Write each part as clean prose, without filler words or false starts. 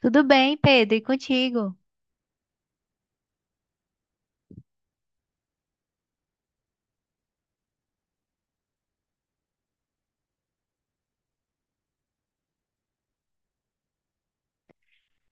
Tudo bem, Pedro, e contigo?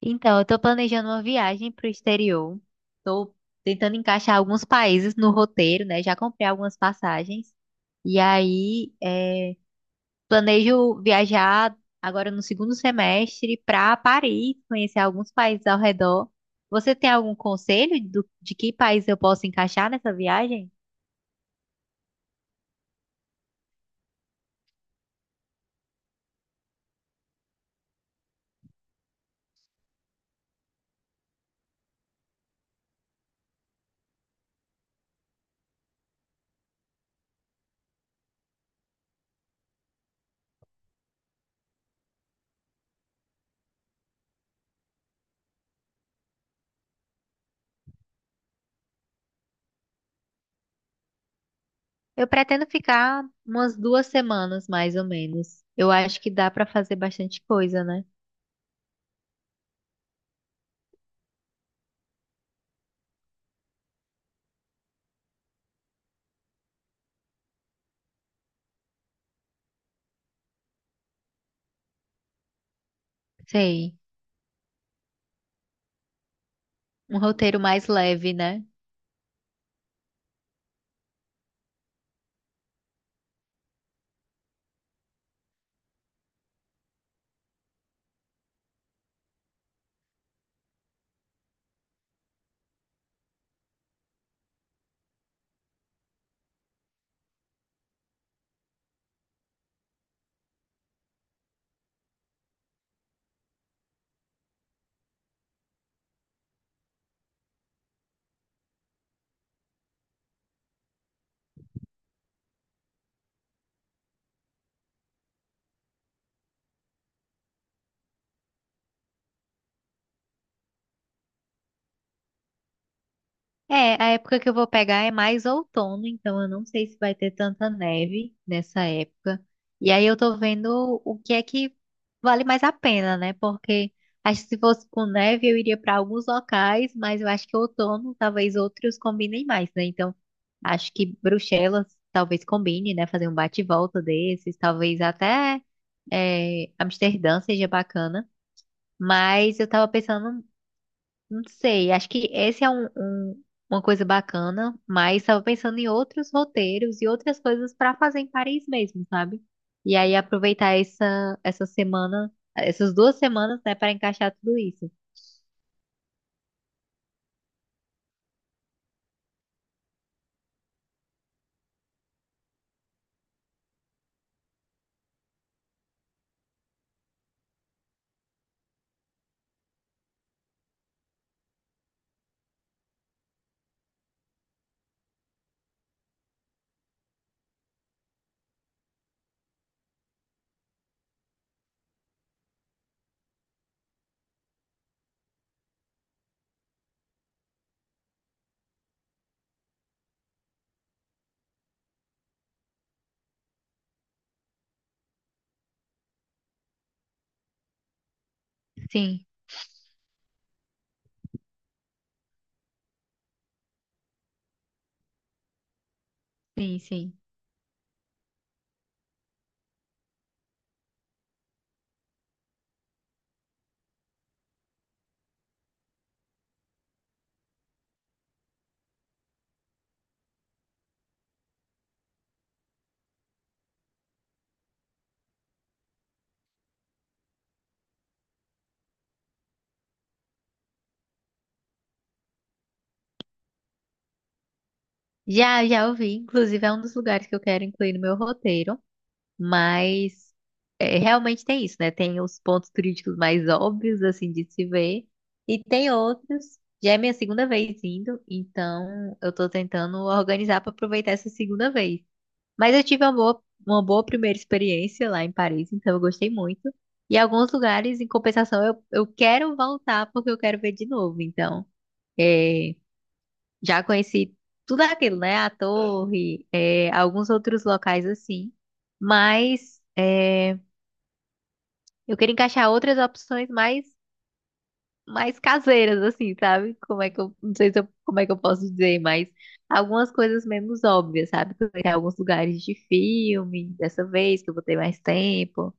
Então, eu tô planejando uma viagem pro exterior. Tô tentando encaixar alguns países no roteiro, né? Já comprei algumas passagens. E aí, é, planejo viajar agora no segundo semestre para Paris, conhecer alguns países ao redor. Você tem algum conselho de que país eu posso encaixar nessa viagem? Eu pretendo ficar umas 2 semanas, mais ou menos. Eu acho que dá para fazer bastante coisa, né? Sei. Um roteiro mais leve, né? É, a época que eu vou pegar é mais outono, então eu não sei se vai ter tanta neve nessa época. E aí eu tô vendo o que é que vale mais a pena, né? Porque acho que se fosse com neve eu iria para alguns locais, mas eu acho que outono talvez outros combinem mais, né? Então acho que Bruxelas talvez combine, né? Fazer um bate e volta desses, talvez até é, Amsterdã seja bacana. Mas eu tava pensando. Não sei, acho que esse é uma coisa bacana, mas estava pensando em outros roteiros e outras coisas para fazer em Paris mesmo, sabe? E aí aproveitar essas duas semanas, né, para encaixar tudo isso. Sim, sim, sim. Já ouvi, inclusive é um dos lugares que eu quero incluir no meu roteiro. Mas é, realmente tem isso, né? Tem os pontos turísticos mais óbvios, assim, de se ver, e tem outros. Já é minha segunda vez indo, então eu tô tentando organizar para aproveitar essa segunda vez. Mas eu tive uma boa primeira experiência lá em Paris, então eu gostei muito. E alguns lugares, em compensação, eu quero voltar porque eu quero ver de novo. Então, é, já conheci tudo aquilo, né? A torre, é, alguns outros locais assim. Mas é, eu queria encaixar outras opções mais, mais caseiras, assim, sabe? Como é que eu, não sei se eu- como é que eu posso dizer, mas algumas coisas menos óbvias, sabe? Conhecer alguns lugares de filme, dessa vez que eu vou ter mais tempo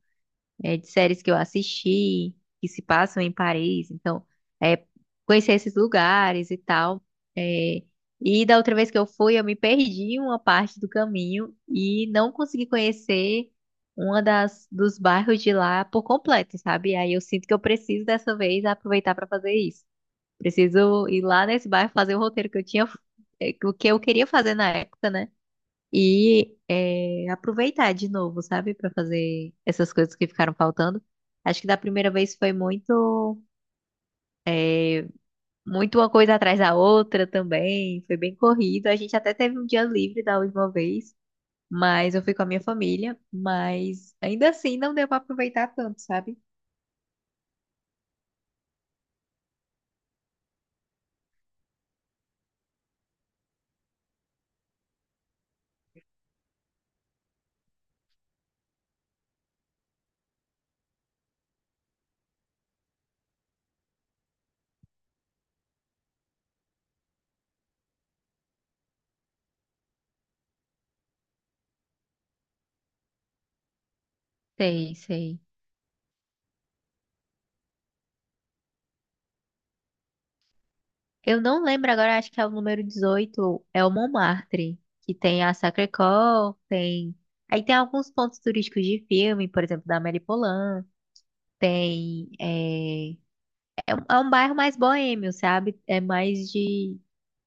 é, de séries que eu assisti, que se passam em Paris. Então, é, conhecer esses lugares e tal. É, e da outra vez que eu fui, eu me perdi em uma parte do caminho e não consegui conhecer uma das dos bairros de lá por completo, sabe? Aí eu sinto que eu preciso dessa vez aproveitar para fazer isso. Preciso ir lá nesse bairro fazer o roteiro que eu tinha, que eu queria fazer na época, né? E é, aproveitar de novo, sabe? Pra fazer essas coisas que ficaram faltando. Acho que da primeira vez foi é, muito uma coisa atrás da outra também. Foi bem corrido. A gente até teve um dia livre da última vez, mas eu fui com a minha família. Mas ainda assim não deu pra aproveitar tanto, sabe? Sei, sei. Eu não lembro agora, acho que é o número 18. É o Montmartre, que tem a Sacré-Cœur, tem. Aí tem alguns pontos turísticos de filme, por exemplo, da Amélie Poulain. Tem. É, é, é um bairro mais boêmio, sabe? É mais de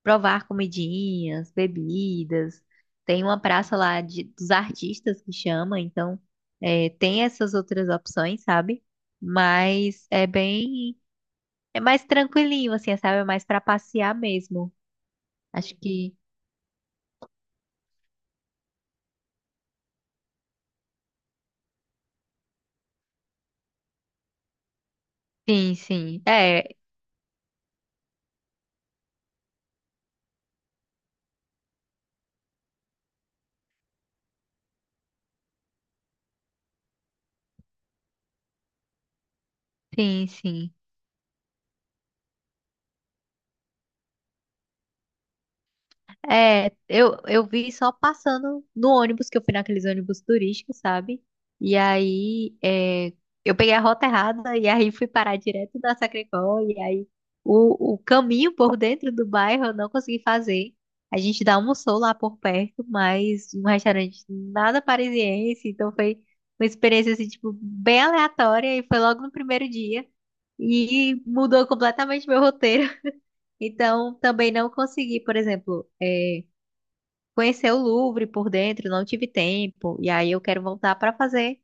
provar comidinhas, bebidas. Tem uma praça lá de, dos artistas que chama, então é, tem essas outras opções, sabe? Mas é bem. É mais tranquilinho, assim, sabe? É mais pra passear mesmo. Acho que. Sim, sim. É, sim, sim. É, eu vi só passando no ônibus, que eu fui naqueles ônibus turísticos, sabe? E aí, é, eu peguei a rota errada e aí fui parar direto da Sacré-Cœur. E aí, o caminho por dentro do bairro eu não consegui fazer. A gente dá almoçou lá por perto, mas um restaurante nada parisiense. Então, foi uma experiência, assim, tipo, bem aleatória. E foi logo no primeiro dia. E mudou completamente meu roteiro. Então, também não consegui, por exemplo... é, conhecer o Louvre por dentro, não tive tempo. E aí eu quero voltar para fazer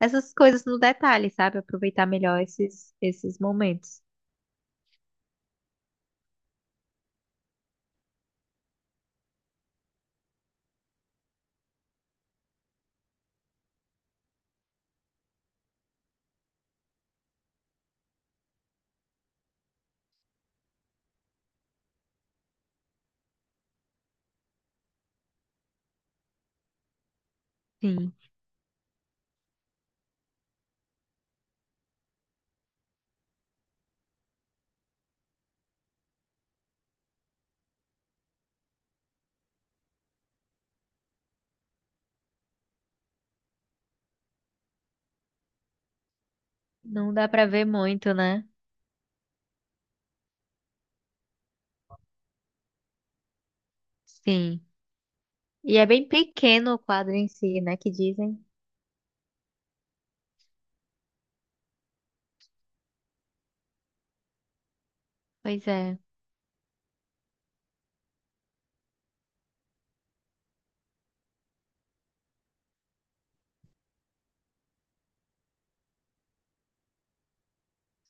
essas coisas no detalhe, sabe? Aproveitar melhor esses momentos. Sim, não dá para ver muito, né? Sim. E é bem pequeno o quadro em si, né? Que dizem. Pois é.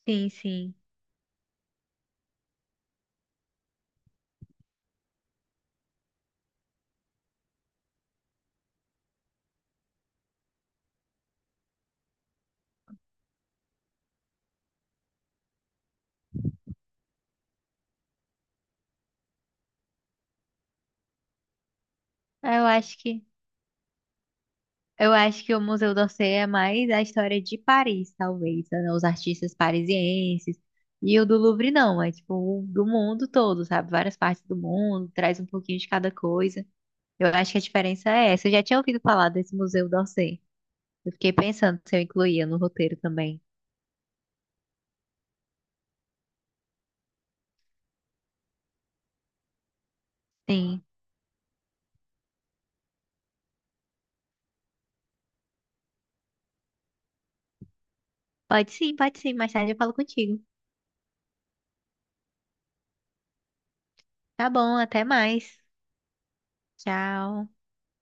Sim, sim. Eu acho que eu acho que o Museu d'Orsay é mais a história de Paris, talvez, né? Os artistas parisienses. E o do Louvre não, é tipo o do mundo todo, sabe? Várias partes do mundo, traz um pouquinho de cada coisa. Eu acho que a diferença é essa. Eu já tinha ouvido falar desse Museu d'Orsay. Eu fiquei pensando se eu incluía no roteiro também. Sim. Pode sim, pode sim. Mais tarde eu falo contigo. Tá bom, até mais. Tchau.